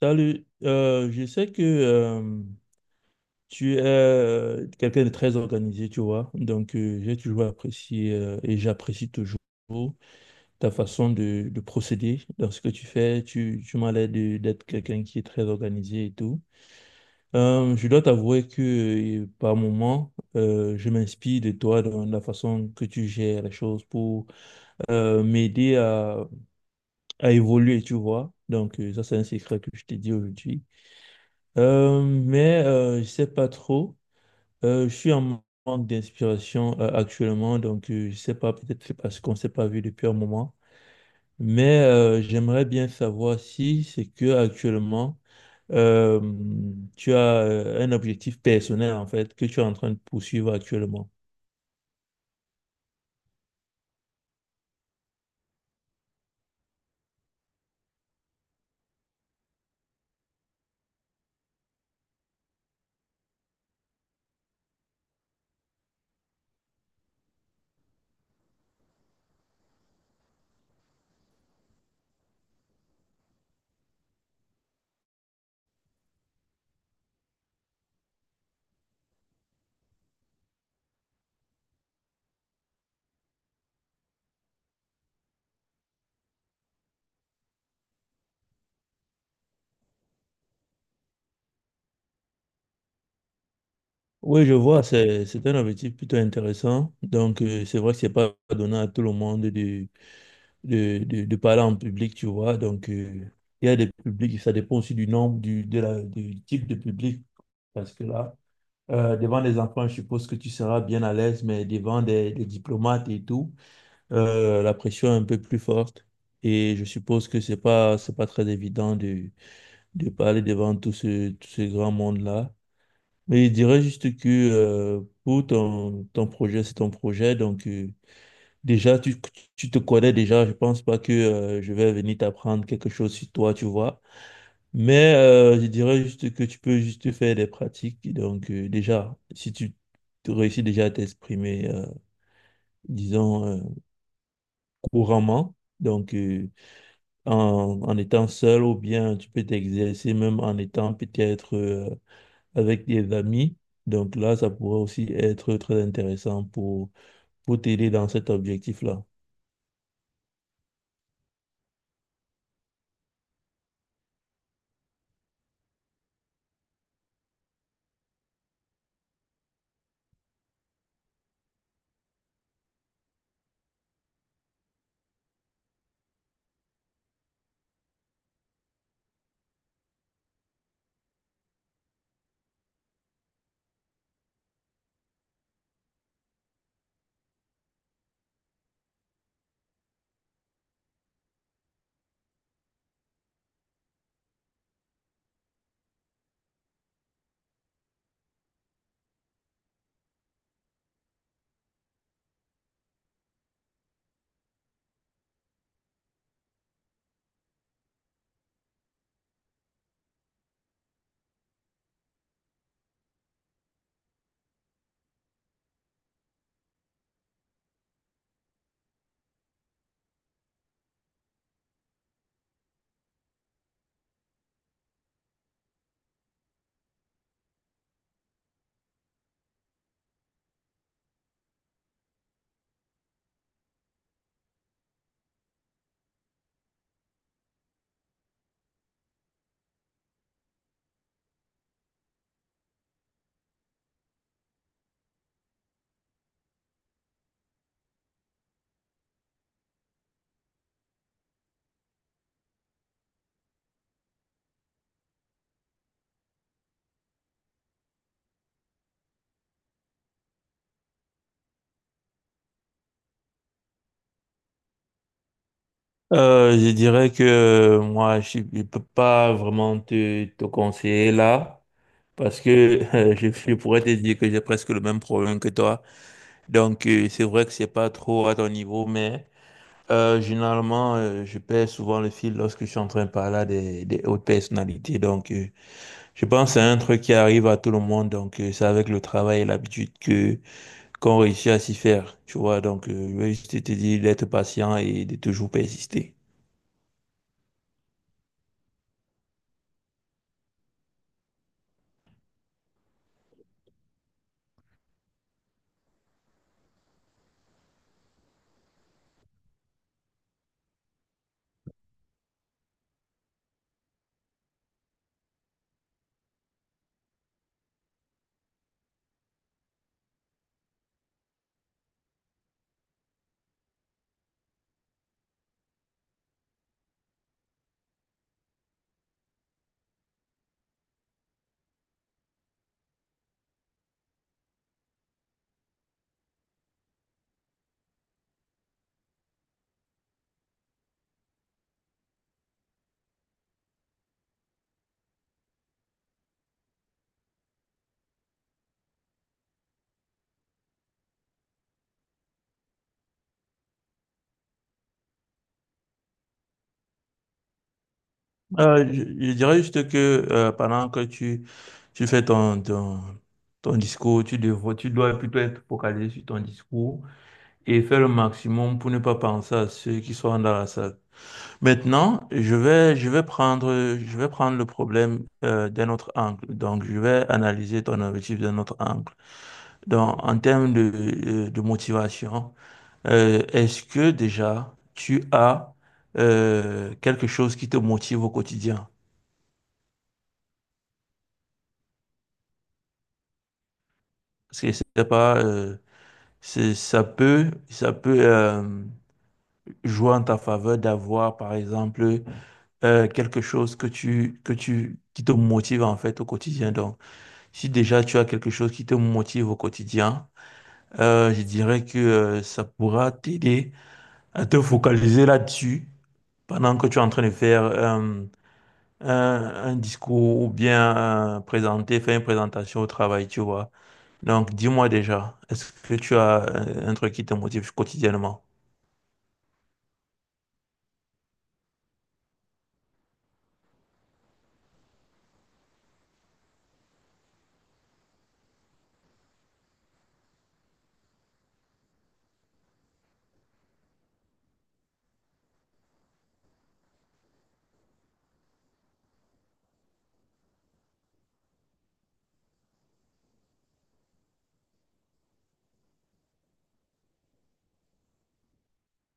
Salut. Je sais que tu es quelqu'un de très organisé, tu vois. J'ai toujours apprécié et j'apprécie toujours ta façon de procéder dans ce que tu fais. Tu m'as l'air d'être quelqu'un qui est très organisé et tout. Je dois t'avouer que par moments, je m'inspire de toi dans la façon que tu gères les choses pour m'aider à évoluer, tu vois. Ça, c'est un secret que je t'ai dit aujourd'hui. Mais je sais pas trop. Je suis en manque d'inspiration actuellement, je sais pas, peut-être c'est parce qu'on s'est pas vu depuis un moment. Mais j'aimerais bien savoir si c'est que actuellement euh, tu as un objectif personnel en fait que tu es en train de poursuivre actuellement. Oui, je vois, c'est un objectif plutôt intéressant. C'est vrai que c'est pas donné à tout le monde de parler en public, tu vois. Il y a des publics, ça dépend aussi du nombre, du type de public. Parce que là, devant des enfants, je suppose que tu seras bien à l'aise, mais devant des diplomates et tout, la pression est un peu plus forte. Et je suppose que c'est pas très évident de parler devant tout ce grand monde-là. Mais je dirais juste que pour ton projet, c'est ton projet. Donc, déjà, tu te connais déjà, je pense pas que je vais venir t'apprendre quelque chose sur toi, tu vois. Mais je dirais juste que tu peux juste faire des pratiques. Déjà, si tu te réussis déjà à t'exprimer, disons, couramment, en, en étant seul ou bien tu peux t'exercer même en étant peut-être avec des amis. Donc là, ça pourrait aussi être très intéressant pour t'aider dans cet objectif-là. Je dirais que moi, je ne peux pas vraiment te, te conseiller là, parce que je pourrais te dire que j'ai presque le même problème que toi. Donc, c'est vrai que c'est pas trop à ton niveau, mais généralement, je perds souvent le fil lorsque je suis en train de parler à des hautes personnalités. Donc, je pense que c'est un truc qui arrive à tout le monde. Donc, c'est avec le travail et l'habitude que qu'on réussit à s'y faire, tu vois. Donc, je vais juste te dire d'être patient et de toujours persister. Je dirais juste que pendant que tu fais ton discours, tu dois plutôt être focalisé sur ton discours et faire le maximum pour ne pas penser à ceux qui sont dans la salle. Maintenant, je vais prendre le problème d'un autre angle. Donc, je vais analyser ton objectif d'un autre angle. Donc, en termes de motivation, est-ce que déjà tu as quelque chose qui te motive au quotidien? Parce que c'est pas, c'est- Ça peut, ça peut jouer en ta faveur d'avoir, par exemple, quelque chose qui te motive en fait au quotidien. Donc, si déjà tu as quelque chose qui te motive au quotidien, je dirais que ça pourra t'aider à te focaliser là-dessus pendant que tu es en train de faire un discours ou bien faire une présentation au travail, tu vois. Donc, dis-moi déjà, est-ce que tu as un truc qui te motive quotidiennement?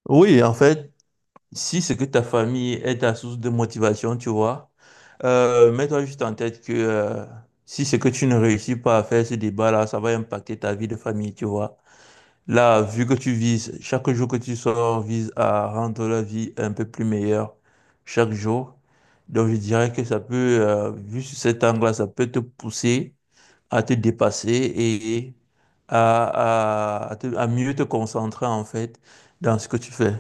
Oui, en fait, si c'est que ta famille est ta source de motivation, tu vois, mets-toi juste en tête que si c'est que tu ne réussis pas à faire ce débat-là, ça va impacter ta vie de famille, tu vois. Là, vu que tu vises, chaque jour que tu sors vise à rendre la vie un peu plus meilleure chaque jour. Donc, je dirais que vu sur cet angle-là, ça peut te pousser à te dépasser et à à mieux te concentrer en fait dans ce que tu fais.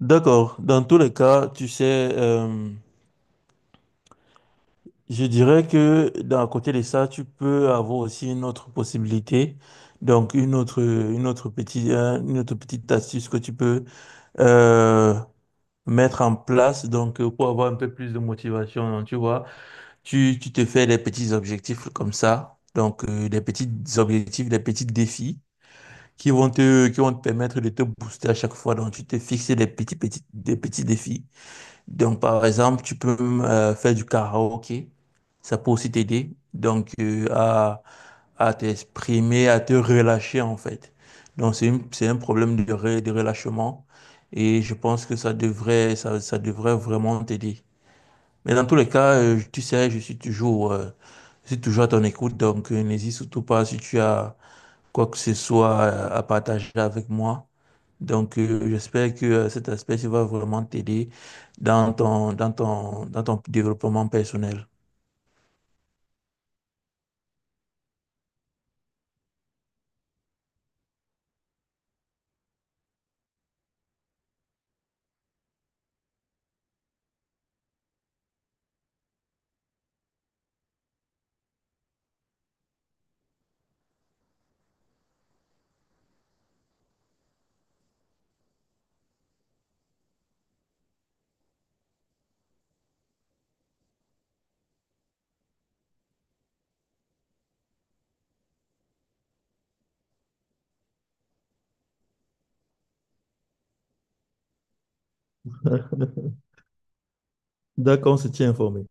D'accord. Dans tous les cas, tu sais, je dirais que d'un côté de ça, tu peux avoir aussi une autre possibilité. Donc, une autre petite astuce que tu peux euh, mettre en place pour avoir un peu plus de motivation. Donc, tu vois, tu te fais des petits objectifs comme ça. Des petits objectifs, des petits défis qui vont te permettre de te booster à chaque fois. Donc, tu te fixes des petits défis. Donc, par exemple, tu peux faire du karaoké. Ça peut aussi t'aider. Donc, à t'exprimer, à te relâcher, en fait. Donc, c'est un problème de, de relâchement. Et je pense que ça devrait vraiment t'aider. Mais dans tous les cas, tu sais, je suis toujours à ton écoute. Donc, n'hésite surtout pas si tu as quoi que ce soit à partager avec moi. J'espère que cet aspect ça va vraiment t'aider dans dans ton développement personnel. D'accord, on se tient informé.